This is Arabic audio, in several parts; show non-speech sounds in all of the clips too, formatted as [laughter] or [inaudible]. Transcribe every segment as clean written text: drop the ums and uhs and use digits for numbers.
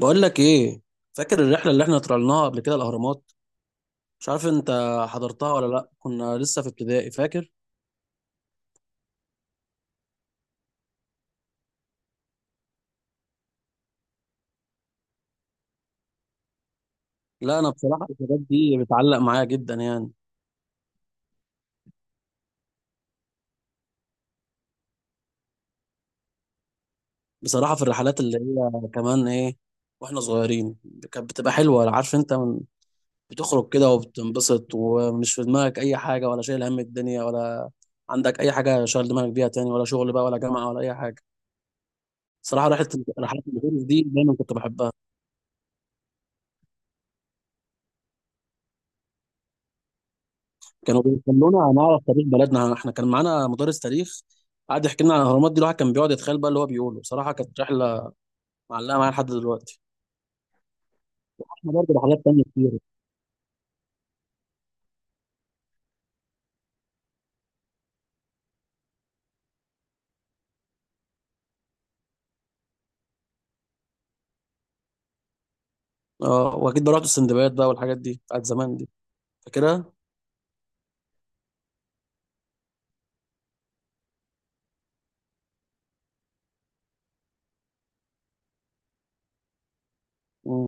بقول لك ايه؟ فاكر الرحله اللي احنا طلعناها قبل كده الاهرامات؟ مش عارف انت حضرتها ولا لا؟ كنا لسه في ابتدائي، فاكر؟ لا، انا بصراحه الحاجات دي بتعلق معايا جدا يعني. بصراحه في الرحلات اللي هي كمان ايه، واحنا صغيرين، كانت بتبقى حلوه، عارف انت؟ بتخرج كده وبتنبسط، ومش في دماغك اي حاجه، ولا شايل هم الدنيا، ولا عندك اي حاجه شغل دماغك بيها، تاني ولا شغل بقى ولا جامعه ولا اي حاجه. صراحه رحله، الرحلات اللي دي دايما كنت بحبها. كانوا بيخلونا هنعرف تاريخ بلدنا، احنا كان معانا مدرس تاريخ قعد يحكي لنا عن الاهرامات دي. الواحد كان بيقعد يتخيل بقى اللي هو بيقوله، بصراحه كانت رحله معلقه معايا لحد دلوقتي. احنا برضه بحاجات تانية كتير. اه، واكيد بقى رحت السندباد بقى، والحاجات دي بتاعت زمان دي فاكرها. مم.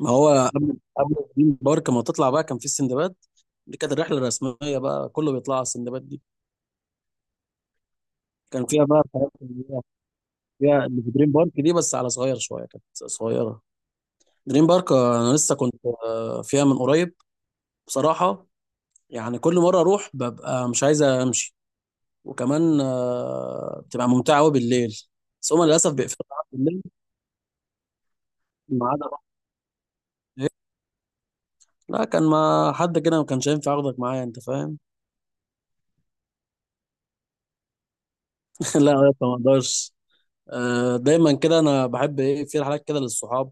ما هو قبل دريم بارك ما تطلع بقى كان في السندباد. دي كانت الرحله الرسميه بقى، كله بيطلع على السندباد دي. كان فيها بقى الحاجات اللي هي فيها اللي في دريم بارك دي، بس على صغير شويه، كانت صغيره. دريم بارك، انا لسه كنت فيها من قريب بصراحه. يعني كل مرة أروح ببقى مش عايز أمشي، وكمان بتبقى ممتعة أوي بالليل. بس هما للأسف بيقفلوا على بالليل. ما عدا رحت. إيه. لا، كان ما حد كده، ما كانش ينفع أخدك معايا، أنت فاهم. [laughs] لا يا اسطى، ما أقدرش. دايما كده أنا بحب إيه في رحلات كده للصحاب.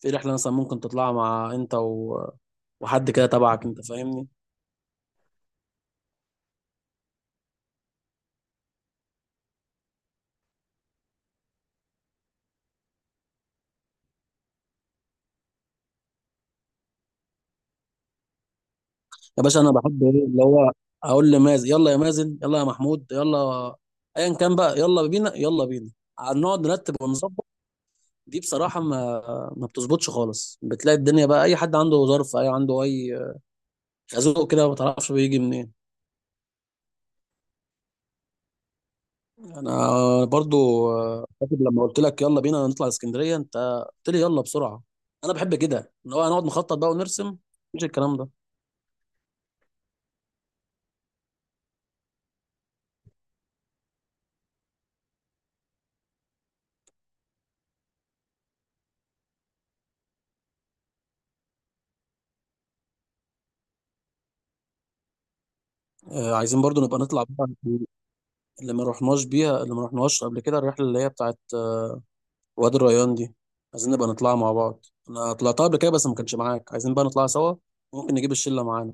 في رحلة مثلا ممكن تطلعها مع أنت وحد كده تبعك، أنت فاهمني. يا باشا، أنا بحب إيه اللي هو أقول لمازن: يلا يا مازن، يلا يا محمود، يلا أيا كان بقى، يلا بينا يلا بينا. نقعد نرتب ونظبط. دي بصراحة ما بتظبطش خالص، بتلاقي الدنيا بقى أي حد عنده ظرف، أي عنده أي خازوق كده، ما تعرفش بيجي منين. أنا برضو فاكر لما قلت لك يلا بينا نطلع اسكندرية، أنت قلت لي يلا بسرعة. أنا بحب كده إن هو هنقعد نخطط بقى ونرسم، مش الكلام ده. عايزين برضو نبقى نطلع بقى. اللي ما رحناش بيها، اللي ما رحناش قبل كده، الرحلة اللي هي بتاعت وادي الريان دي. عايزين نبقى نطلعها مع بعض، أنا طلعتها قبل كده بس ما كانش معاك، عايزين بقى نطلعها سوا. ممكن نجيب الشلة معانا.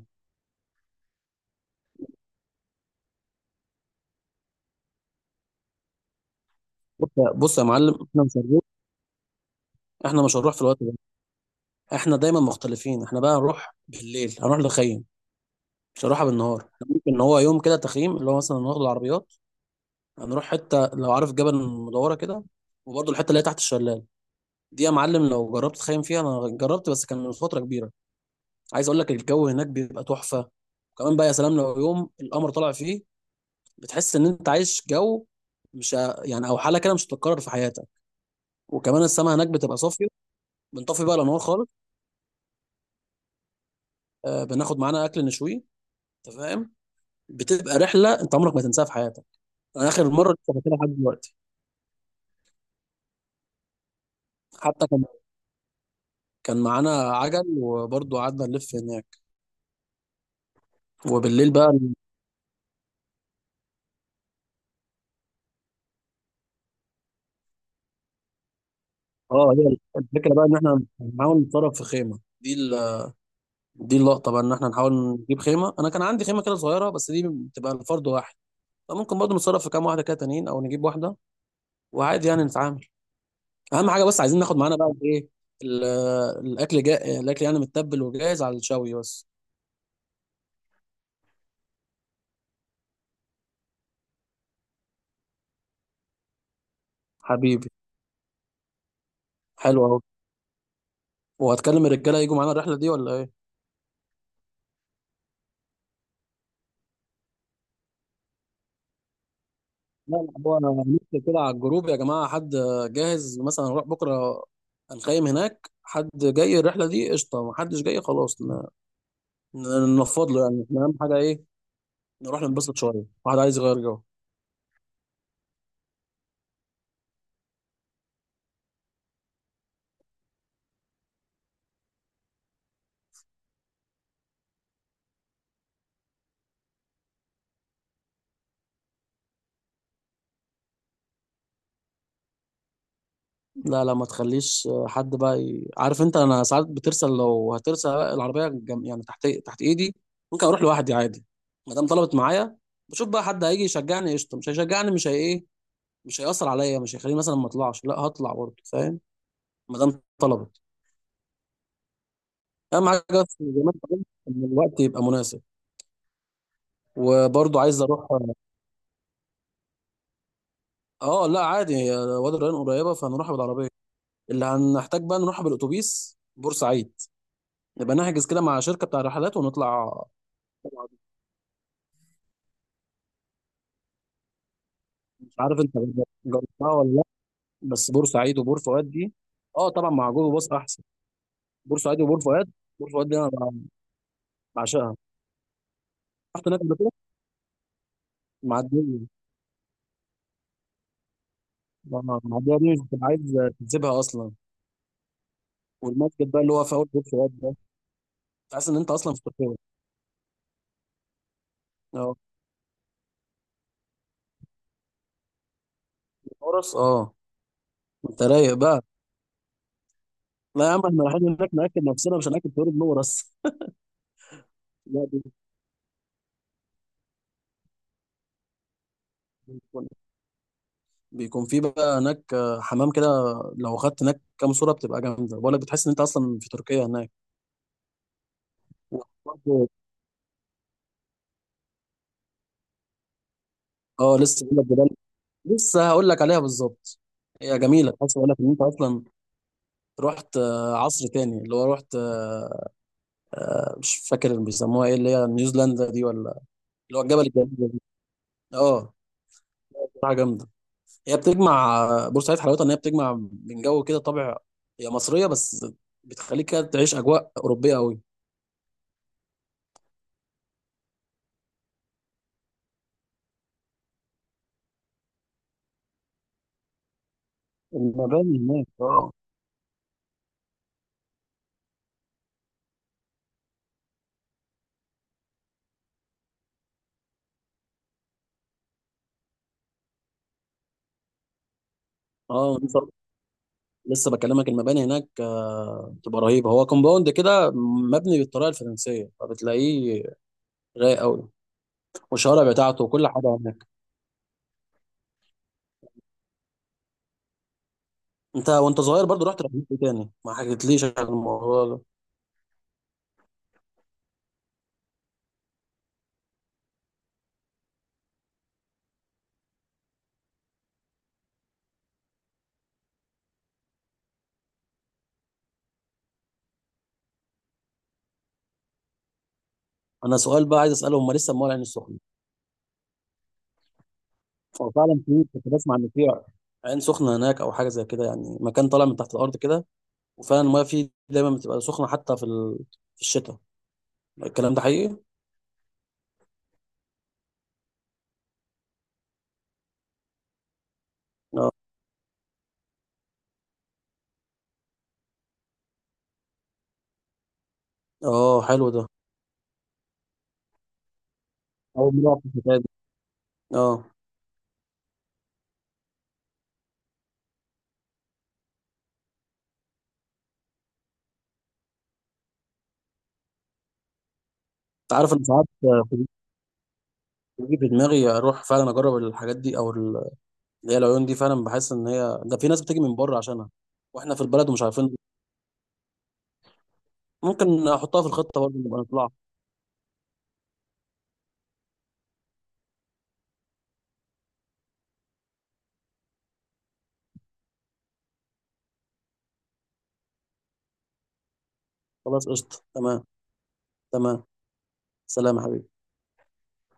بص يا معلم، احنا مش هنروح. احنا مش هنروح في الوقت ده، احنا دايما مختلفين، احنا بقى هنروح بالليل، هنروح نخيم. مش هنروحها بالنهار. إحنا ممكن ان هو يوم كده تخييم، اللي هو مثلا ناخد العربيات هنروح حته، لو عارف جبل المدوره كده، وبرضه الحته اللي هي تحت الشلال دي. يا معلم لو جربت تخيم فيها، انا جربت بس كان من فتره كبيره. عايز اقول لك الجو هناك بيبقى تحفه، وكمان بقى يا سلام لو يوم القمر طالع فيه، بتحس ان انت عايش جو، مش ه- يعني او حاله كده مش هتتكرر في حياتك. وكمان السماء هناك بتبقى صافيه، بنطفي بقى الانوار خالص، بناخد معانا اكل نشويه، انت فاهم، بتبقى رحله انت عمرك ما تنساها في حياتك. انا اخر مره لسه فاكرها لحد دلوقتي. حتى كان معانا عجل، وبرضه قعدنا نلف هناك وبالليل بقى. اه، هي الفكره بقى ان احنا نحاول نتصرف في خيمه دي دي اللقطه بقى ان احنا نحاول نجيب خيمه. انا كان عندي خيمه كده صغيره بس دي بتبقى لفرد واحد، فممكن برضه نتصرف في كام واحده كده تانيين او نجيب واحده، وعادي يعني نتعامل. اهم حاجه بس عايزين ناخد معانا بقى ايه؟ ال- الاكل جاء الاكل يعني متبل وجاهز على الشوي بس. حبيبي، حلو اهو. وهتكلم الرجاله يجوا معانا الرحله دي ولا ايه؟ لا، لا، هو نكتب كده على الجروب: يا جماعة، حد جاهز مثلا نروح بكرة؟ هنخيم هناك، حد جاي الرحلة دي قشطة؟ ما حدش جاي خلاص؟ ننفض له يعني. احنا أهم حاجة إيه؟ نروح ننبسط شوية، واحد عايز يغير جو. لا، لا، ما تخليش حد بقى عارف أنت، أنا ساعات بترسل، لو هترسل العربية يعني تحت تحت إيدي. ممكن أروح لوحدي عادي، ما دام طلبت معايا. بشوف بقى حد هيجي يشجعني قشطة، مش هيشجعني، مش هي إيه، مش هيأثر عليا، مش هيخليني مثلا ما أطلعش، لا هطلع برضه فاهم، ما دام طلبت. اهم حاجه بس زي ما انت قلت ان الوقت يبقى مناسب. وبرضه عايز اروح. اه، لا عادي، هي وادي الريان قريبه فهنروحها بالعربيه. اللي هنحتاج بقى نروح بالاتوبيس بورسعيد، نبقى نحجز كده مع شركه بتاع رحلات ونطلع. طبعاً. مش عارف انت جربتها ولا لا؟ بس بورسعيد وبور فؤاد دي، اه طبعا مع جوجل باص احسن. بورسعيد وبور فؤاد، بور فؤاد دي انا بعشقها، رحت هناك قبل كده. معديه، معديه دي مش بتبقى عايز تسيبها اصلا. والمسجد بقى اللي هو في اول بور فؤاد ده، تحس ان انت اصلا في تركيا. اه، في الفرص، اه. انت رايق بقى. لا يا عم، احنا رايحين هناك ناكل نفسنا، مش هناكل في وادي النور بس. لا، بيكون بيكون في بقى هناك حمام كده، لو خدت هناك كام صوره بتبقى جامده، بقول لك بتحس ان انت اصلا في تركيا هناك. برضه- اه، لسه بقول لك جبال، لسه هقول لك عليها بالظبط. هي جميله، تحس بقول لك ان انت اصلا رحت عصر تاني اللي هو، رحت مش فاكر بيسموها ايه اللي هي نيوزيلندا دي ولا، اللي هو الجبل الجميل ده. اه، حاجه جامده. هي بتجمع بورسعيد حلاوتها ان هي بتجمع من جو كده طابع، هي مصريه بس بتخليك كده تعيش اجواء اوروبيه قوي. المباني هناك اه، اه، لسه بكلمك. المباني هناك بتبقى رهيبه، هو كومباوند كده مبني بالطريقه الفرنسيه فبتلاقيه رايق قوي، والشوارع بتاعته وكل حاجه هناك. انت وانت صغير برضو رحت رحلات إيه تاني؟ ما حكيتليش عن الموضوع ده. انا سؤال بقى عايز اساله، هم لسه مول عين السخنه؟ هو فعلا في، كنت بسمع ان في عين سخنه هناك او حاجه زي كده، يعني مكان طالع من تحت الارض كده، وفعلا المايه فيه دايما بتبقى سخنه حتى في الشتاء. الكلام ده حقيقي؟ اه، اه، حلو ده. اول مره أعرف الحكايه دي. اه. انت عارف انا ساعات في- بيجي في دماغي اروح فعلا اجرب الحاجات دي او اللي هي العيون دي فعلا، بحس ان هي ده في ناس بتيجي من بره عشانها، واحنا في البلد ومش عارفين. ممكن احطها في الخطه برضه، نبقى نطلع. خلاص، قشطه، تمام. تمام، سلام يا حبيبي.